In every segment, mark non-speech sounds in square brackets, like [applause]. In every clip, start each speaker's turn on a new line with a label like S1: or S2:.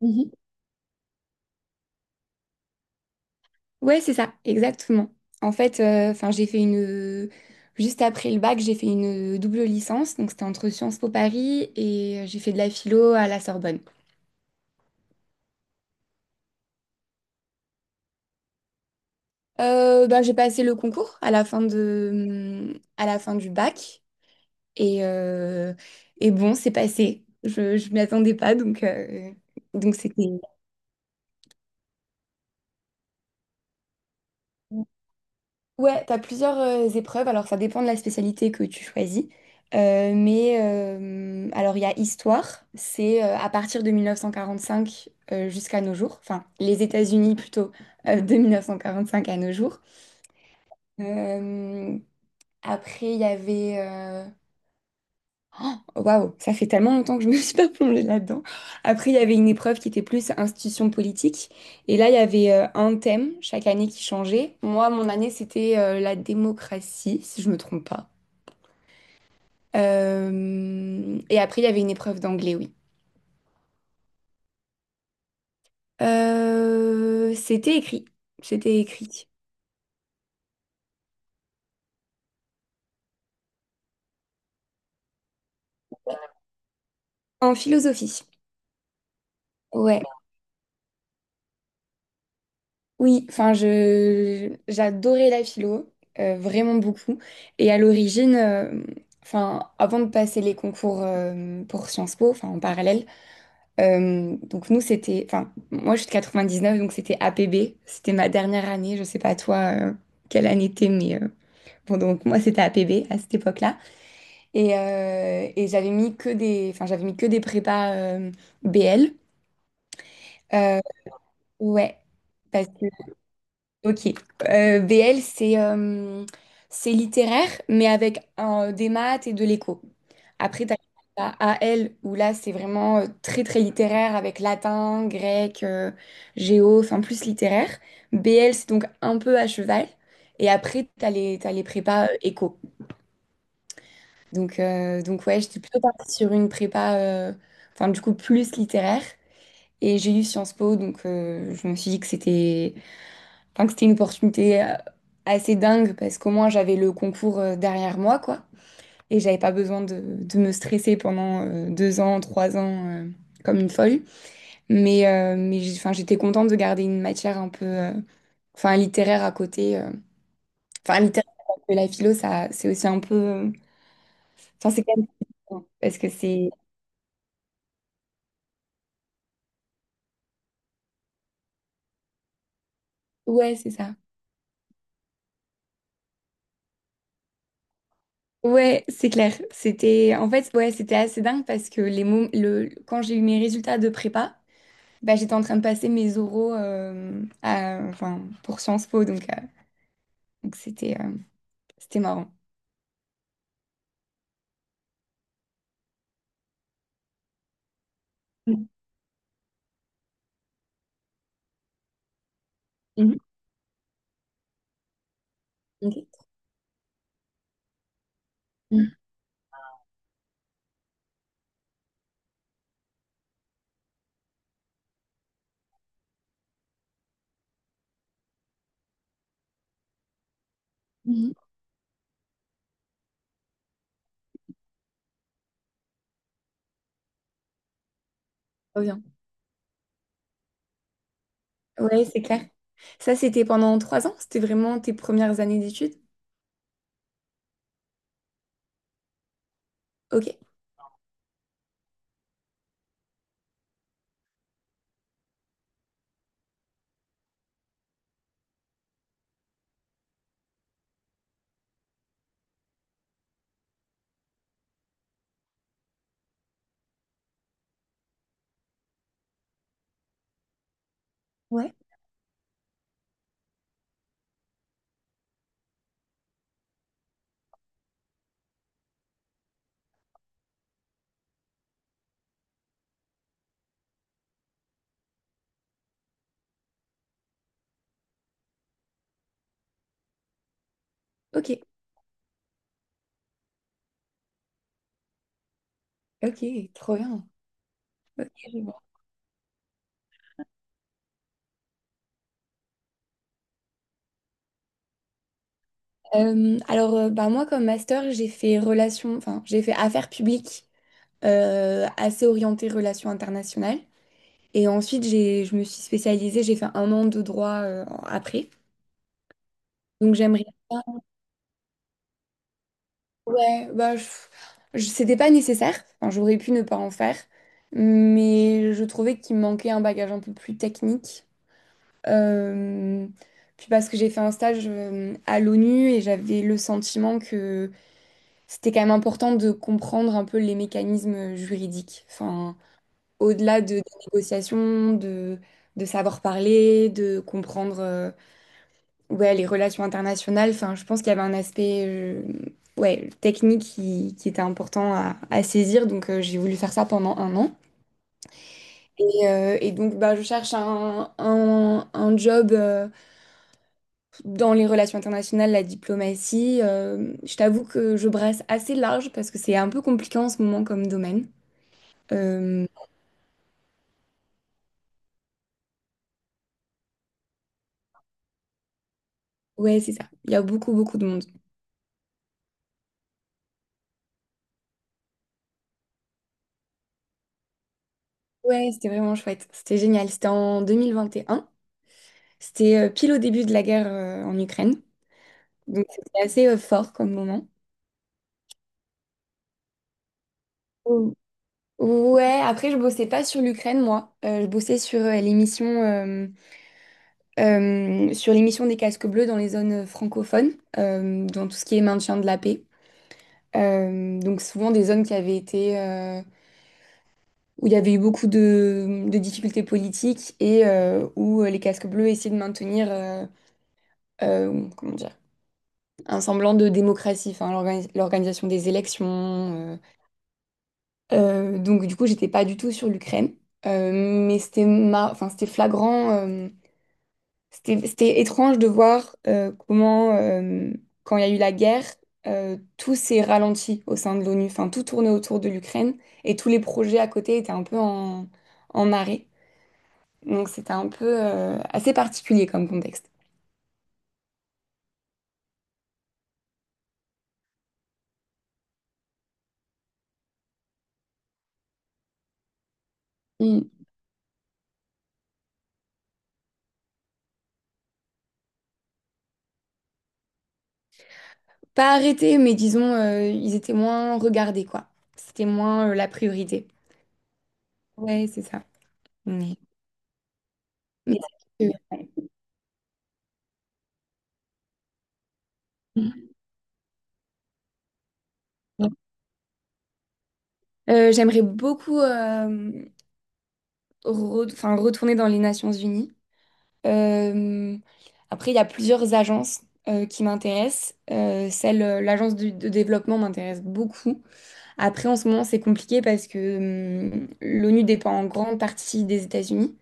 S1: Mhm. Ouais, c'est ça, exactement. En fait, enfin, j'ai fait une juste après le bac, j'ai fait une double licence, donc c'était entre Sciences Po Paris et j'ai fait de la philo à la Sorbonne. Ben, j'ai passé le concours à la fin du bac et, euh, et bon, c'est passé. Je m'y attendais pas, donc, donc c'était. Ouais, t'as plusieurs épreuves, alors ça dépend de la spécialité que tu choisis. Mais alors il y a histoire, c'est à partir de 1945 jusqu'à nos jours, enfin les États-Unis plutôt, de 1945 à nos jours. Euh, après il y avait Waouh, ça fait tellement longtemps que je me suis pas plongée là-dedans. Après, il y avait une épreuve qui était plus institution politique. Et là, il y avait un thème chaque année qui changeait. Moi, mon année, c'était la démocratie, si je me trompe pas. Et après, il y avait une épreuve d'anglais, oui. C'était écrit. C'était écrit. En philosophie. Ouais. Oui, enfin, je j'adorais la philo, vraiment beaucoup. Et à l'origine, enfin, avant de passer les concours pour Sciences Po, enfin en parallèle, donc nous c'était, enfin, moi je suis de 99, donc c'était APB, c'était ma dernière année. Je sais pas toi quelle année t'es, mais bon donc moi c'était APB à cette époque-là. Et j'avais mis que des, enfin j'avais mis que des prépas BL. Euh, ouais. Ok. BL, c'est c'est littéraire, mais avec des maths et de l'éco. Après, tu as AL, où là, c'est vraiment très, très littéraire, avec latin, grec, géo, enfin plus littéraire. BL, c'est donc un peu à cheval. Et après, t'as les prépas éco. Donc ouais, j'étais plutôt partie sur une prépa, enfin du coup, plus littéraire. Et j'ai eu Sciences Po, donc je me suis dit que c'était une opportunité assez dingue parce qu'au moins j'avais le concours derrière moi, quoi. Et j'avais pas besoin de me stresser pendant 2 ans, 3 ans, comme une folle. Mais enfin, j'étais contente de garder une matière un peu, enfin, littéraire à côté. Enfin, littéraire, parce que la philo, ça, c'est aussi un peu, enfin, c'est quand même différent, parce que c'est. Ouais, c'est ça. Ouais, c'est clair. C'était en fait, ouais, c'était assez dingue parce que les mots, le quand j'ai eu mes résultats de prépa, bah, j'étais en train de passer mes oraux enfin, pour Sciences Po, donc c'était c'était marrant. Mhm. Mhm. Ok. Mhm. Mhm. Trop bien. Ouais, c'est clair. Ça, c'était pendant 3 ans? C'était vraiment tes premières années d'études? Ok. Ouais. Ok, ok, trop bien. Ok, je vois. Alors, bah, moi, comme master, enfin, j'ai fait affaires publiques, assez orientées relations internationales. Et ensuite, je me suis spécialisée, j'ai fait un an de droit, après. Donc, j'aimerais ouais, bah, c'était pas nécessaire. Enfin, j'aurais pu ne pas en faire. Mais je trouvais qu'il me manquait un bagage un peu plus technique. Euh, Puis parce que j'ai fait un stage à l'ONU et j'avais le sentiment que c'était quand même important de comprendre un peu les mécanismes juridiques. Enfin, au-delà des négociations, de savoir parler, de comprendre, ouais, les relations internationales, enfin, je pense qu'il y avait un aspect ouais, technique qui était important à saisir, donc j'ai voulu faire ça pendant un an. Et donc, bah, je cherche un job dans les relations internationales, la diplomatie. Je t'avoue que je brasse assez large parce que c'est un peu compliqué en ce moment comme domaine. Euh, ouais, c'est ça. Il y a beaucoup, beaucoup de monde. Ouais, c'était vraiment chouette. C'était génial. C'était en 2021. C'était pile au début de la guerre en Ukraine. Donc c'était assez fort comme moment. Mm. Ouais, après je bossais pas sur l'Ukraine moi. Je bossais sur l'émission des casques bleus dans les zones francophones, dans tout ce qui est maintien de la paix. Donc souvent des zones qui avaient été, où il y avait eu beaucoup de difficultés politiques et où les casques bleus essayaient de maintenir, comment dire, un semblant de démocratie, enfin l'organisation des élections. Donc du coup, j'étais pas du tout sur l'Ukraine. Mais enfin, c'était flagrant, c'était étrange de voir comment, quand il y a eu la guerre, tout s'est ralenti au sein de l'ONU, enfin tout tournait autour de l'Ukraine et tous les projets à côté étaient un peu en arrêt. Donc c'était un peu assez particulier comme contexte. Mm. Pas arrêté, mais disons, ils étaient moins regardés, quoi. C'était moins la priorité. Ouais, c'est ça. Mais, mais c'est ouais. J'aimerais beaucoup enfin, retourner dans les Nations Unies. Euh, Après, il y a plusieurs agences qui m'intéressent. L'agence développement m'intéresse beaucoup. Après, en ce moment, c'est compliqué parce que l'ONU dépend en grande partie des États-Unis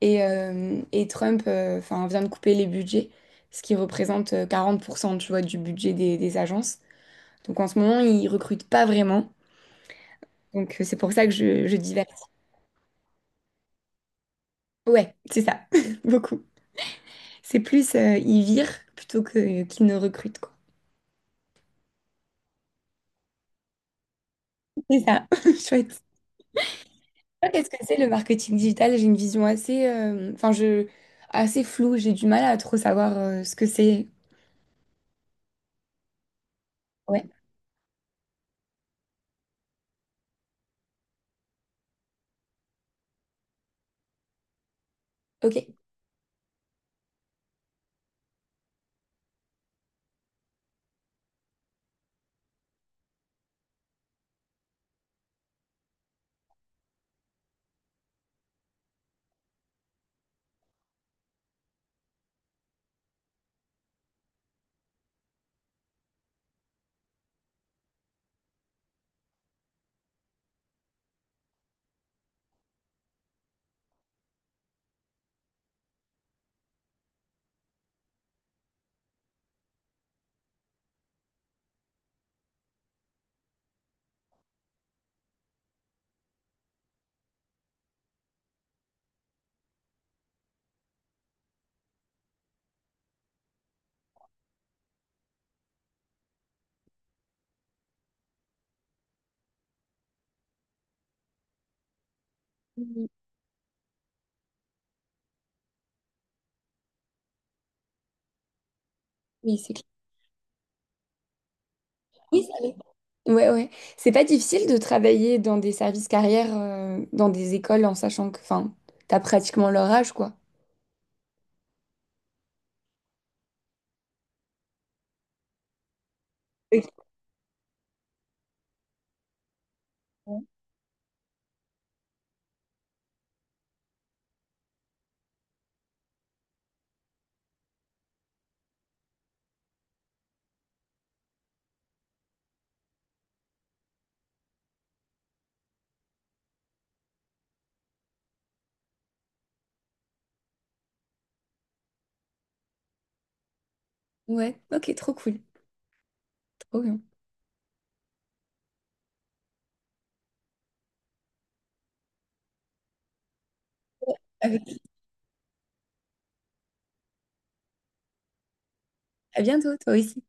S1: et Trump enfin, vient de couper les budgets, ce qui représente 40% tu vois, du budget des agences. Donc en ce moment, ils recrutent pas vraiment. Donc c'est pour ça que je diversifie. Ouais, c'est ça, [laughs] beaucoup. C'est plus ils virent plutôt que qu'ils ne recrutent, quoi. C'est ça, [laughs] chouette. Toi, qu'est-ce que c'est le marketing digital? J'ai une vision enfin, assez floue. J'ai du mal à trop savoir ce que c'est. Ouais, ok. Oui, oui, c'est clair. Oui, ça l'est. Ouais, ouais. C'est pas difficile de travailler dans des services carrières, dans des écoles, en sachant que, enfin, t'as pratiquement leur âge, quoi. Ok. Ouais, ok, trop cool, trop bien. À bientôt, toi aussi.